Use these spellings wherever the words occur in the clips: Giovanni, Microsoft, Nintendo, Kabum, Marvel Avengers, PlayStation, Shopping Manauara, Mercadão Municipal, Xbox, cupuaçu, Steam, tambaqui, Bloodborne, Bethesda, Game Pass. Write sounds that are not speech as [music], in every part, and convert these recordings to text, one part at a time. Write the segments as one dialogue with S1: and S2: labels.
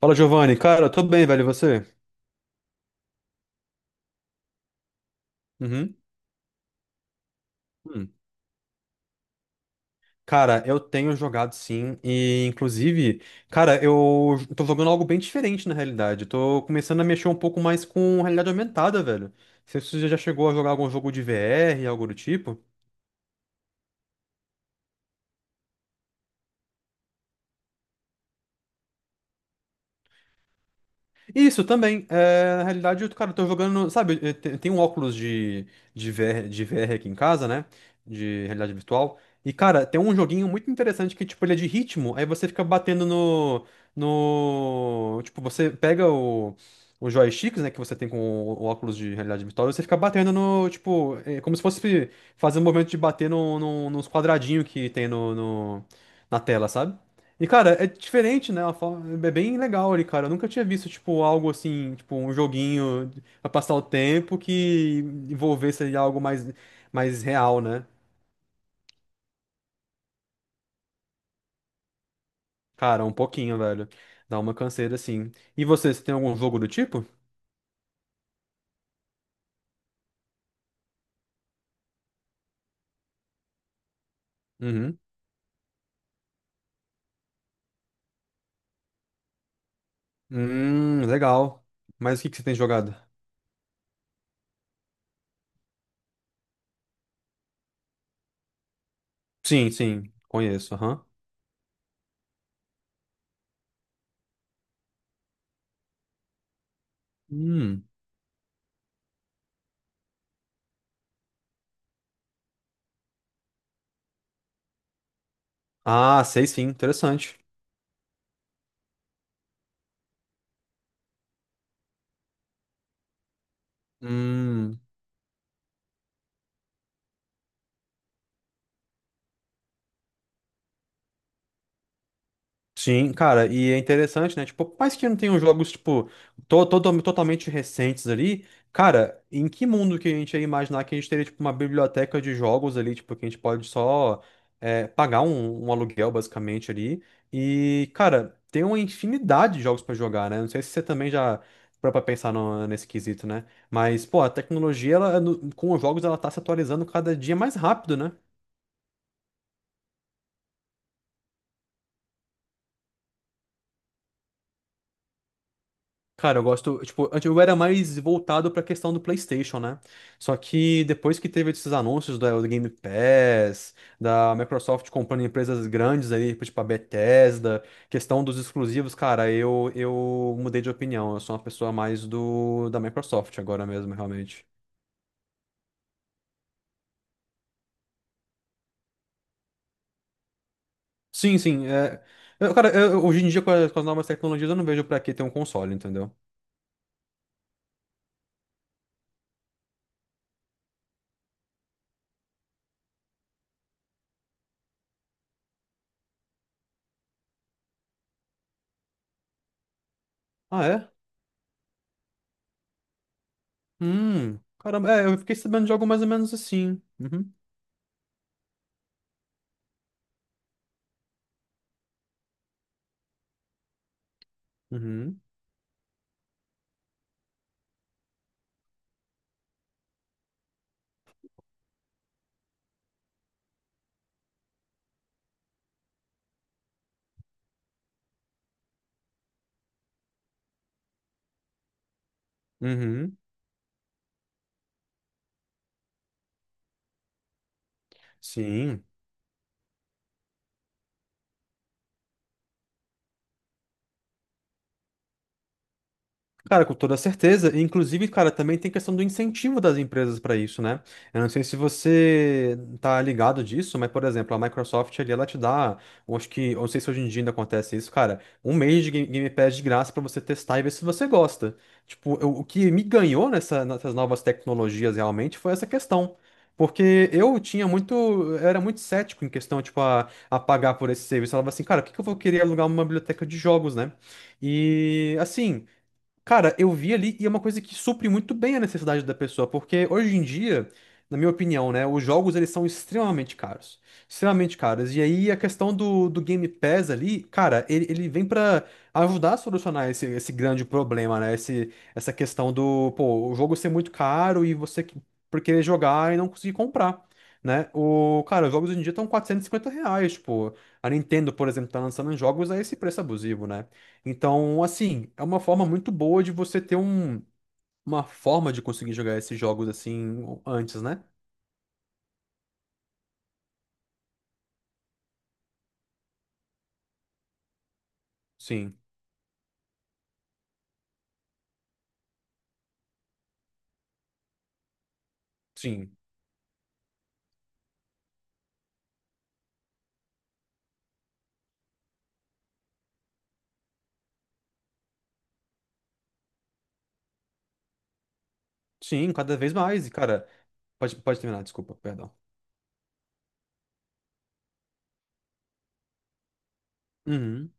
S1: Fala, Giovanni. Cara, eu tô bem, velho. E você? Uhum. Hum. Cara, eu tenho jogado sim, e inclusive, cara, eu tô jogando algo bem diferente na realidade. Eu tô começando a mexer um pouco mais com realidade aumentada, velho. Não sei se você já chegou a jogar algum jogo de VR, algo do tipo. Isso também. É, na realidade, eu, cara, eu tô jogando. Sabe, eu tenho um óculos de VR, de VR aqui em casa, né? De realidade virtual. E, cara, tem um joguinho muito interessante que, tipo, ele é de ritmo. Aí você fica batendo no. Tipo, você pega o. Os joysticks, né, que você tem com o óculos de realidade virtual, e você fica batendo no, tipo, é como se fosse fazer um movimento de bater nos quadradinhos que tem no na tela, sabe? E, cara, é diferente, né? Uma forma- É bem legal ali, cara. Eu nunca tinha visto, tipo, algo assim, tipo, um joguinho pra passar o tempo que envolvesse ali algo mais, mais real, né? Cara, um pouquinho, velho. Dá uma canseira, assim. E você, você tem algum jogo do tipo? Uhum. Legal. Mas o que que você tem jogado? Sim, sim, conheço, aham. Hum. Ah, sei sim, interessante. Hum. Sim, cara, e é interessante, né? Tipo, por mais que não tenham jogos, tipo, totalmente recentes ali, cara, em que mundo que a gente ia imaginar que a gente teria, tipo, uma biblioteca de jogos ali, tipo, que a gente pode só é, pagar um aluguel, basicamente, ali. E, cara, tem uma infinidade de jogos pra jogar, né? Não sei se você também já parou pra pensar nesse quesito, né? Mas, pô, a tecnologia, ela, com os jogos, ela tá se atualizando cada dia mais rápido, né? Cara, eu gosto, tipo, antes eu era mais voltado pra questão do PlayStation, né? Só que depois que teve esses anúncios do Game Pass, da Microsoft comprando empresas grandes aí, tipo a Bethesda, questão dos exclusivos, cara, eu mudei de opinião. Eu sou uma pessoa mais do da Microsoft agora mesmo, realmente. Sim, sim, é. Cara, hoje em dia com as novas tecnologias eu não vejo pra que ter um console, entendeu? Ah, é? Hum. Caramba, é, eu fiquei sabendo de algo mais ou menos assim. Uhum. Uhum. Uhum. Sim. Cara, com toda certeza. E, inclusive, cara, também tem questão do incentivo das empresas para isso, né? Eu não sei se você tá ligado disso, mas, por exemplo, a Microsoft ali, ela te dá, eu acho que, eu não sei se hoje em dia ainda acontece isso, cara, um mês de Game Pass de graça para você testar e ver se você gosta. Tipo, o que me ganhou nessas novas tecnologias realmente foi essa questão. Porque eu tinha muito, eu era muito cético em questão, tipo, a pagar por esse serviço. Eu falava assim, cara, por que que eu vou querer alugar uma biblioteca de jogos, né? E assim. Cara, eu vi ali e é uma coisa que supre muito bem a necessidade da pessoa, porque hoje em dia, na minha opinião, né, os jogos eles são extremamente caros, extremamente caros. E aí a questão do Game Pass ali, cara, ele vem pra ajudar a solucionar esse grande problema, né? Esse, essa questão do, pô, o jogo ser muito caro e você por querer jogar e não conseguir comprar. Né? O, cara, os jogos hoje em dia estão 450 reais, tipo, a Nintendo, por exemplo, tá lançando jogos a esse preço abusivo, né? Então, assim, é uma forma muito boa de você ter um, uma forma de conseguir jogar esses jogos assim antes, né? Sim, sim, sim, cada vez mais. E, cara, pode terminar, desculpa, perdão. Uhum.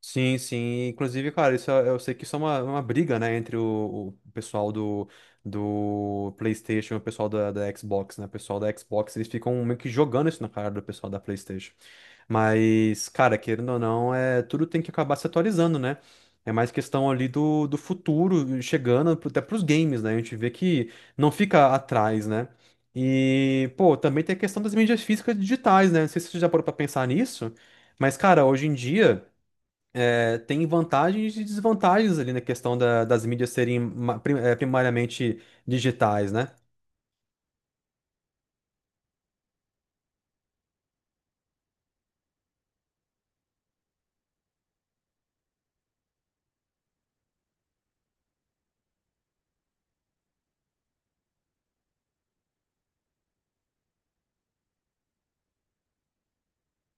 S1: Sim, sim. Inclusive, cara, isso é- eu sei que isso é uma briga, né, entre o pessoal do PlayStation e o pessoal da Xbox, né? O pessoal da Xbox, eles ficam meio que jogando isso na cara do pessoal da PlayStation. Mas, cara, querendo ou não, é, tudo tem que acabar se atualizando, né? É mais questão ali do futuro chegando até pros games, né? A gente vê que não fica atrás, né? E, pô, também tem a questão das mídias físicas digitais, né? Não sei se você já parou pra pensar nisso, mas, cara, hoje em dia. É, tem vantagens e desvantagens ali na questão das mídias serem primariamente digitais, né?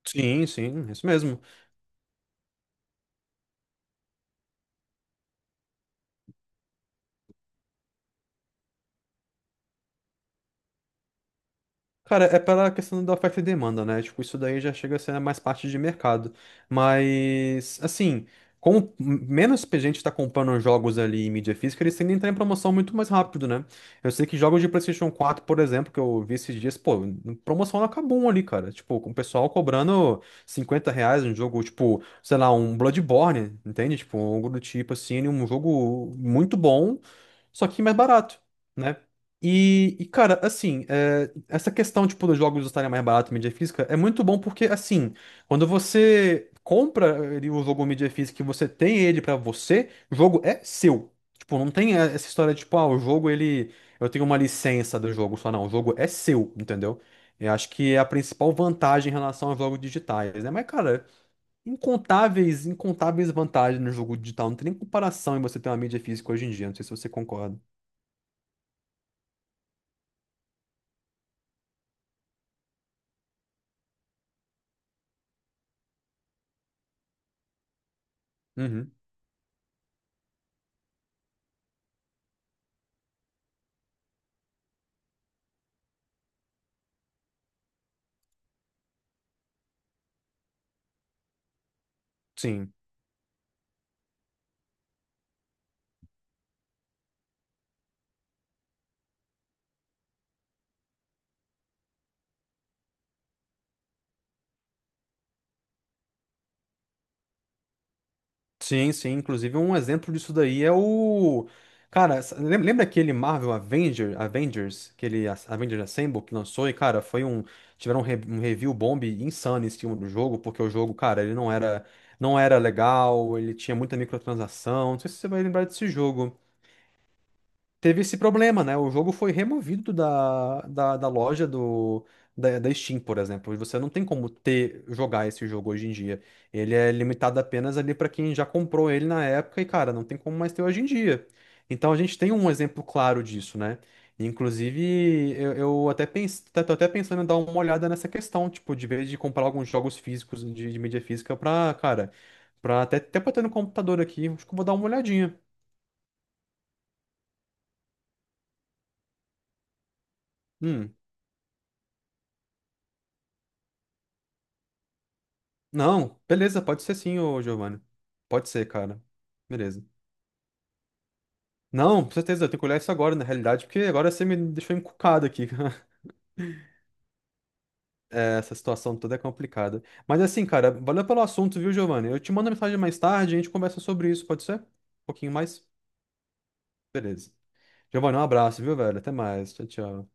S1: Sim, sim, isso mesmo. Cara, é pela questão da oferta e demanda, né? Tipo, isso daí já chega a ser mais parte de mercado. Mas, assim, como menos gente tá comprando jogos ali em mídia física, eles tendem a entrar em promoção muito mais rápido, né? Eu sei que jogos de PlayStation 4, por exemplo, que eu vi esses dias, pô, promoção na Kabum ali, cara. Tipo, com o pessoal cobrando 50 reais um jogo, tipo, sei lá, um Bloodborne, entende? Tipo, algo do tipo, assim, um jogo muito bom só que mais barato, né? E, cara, assim, é, essa questão, tipo, dos jogos estarem mais barato em mídia física é muito bom porque, assim, quando você compra ele, o jogo em mídia física e você tem ele pra você, o jogo é seu. Tipo, não tem essa história de, tipo, ah, o jogo, ele... Eu tenho uma licença do jogo só, não. O jogo é seu, entendeu? Eu acho que é a principal vantagem em relação aos jogos digitais, né? Mas, cara, incontáveis, incontáveis vantagens no jogo digital. Não tem nem comparação em você ter uma mídia física hoje em dia. Não sei se você concorda. Uhum. Sim, sim, sim. Inclusive, um exemplo disso daí é o. Cara, lembra aquele Avengers, aquele Avengers Assemble que lançou? E, cara, foi um. Tiveram um review bomb insano em cima do jogo, porque o jogo, cara, ele não era, não era legal, ele tinha muita microtransação. Não sei se você vai lembrar desse jogo. Teve esse problema, né? O jogo foi removido da loja da Steam, por exemplo. E você não tem como ter, jogar esse jogo hoje em dia. Ele é limitado apenas ali para quem já comprou ele na época e, cara, não tem como mais ter hoje em dia. Então a gente tem um exemplo claro disso, né? Inclusive, eu até penso, tô até pensando em dar uma olhada nessa questão, tipo, de vez de comprar alguns jogos físicos de mídia física pra, cara, pra até, até pra ter no computador aqui, acho que eu vou dar uma olhadinha. Hum. Não, beleza, pode ser sim, ô Giovanni. Pode ser, cara. Beleza. Não, com certeza, eu tenho que olhar isso agora, na realidade, porque agora você me deixou encucado aqui. [laughs] Essa situação toda é complicada. Mas assim, cara, valeu pelo assunto, viu, Giovanni? Eu te mando mensagem mais tarde, e a gente conversa sobre isso, pode ser? Um pouquinho mais? Beleza. Giovanni, um abraço, viu, velho? Até mais. Tchau, tchau.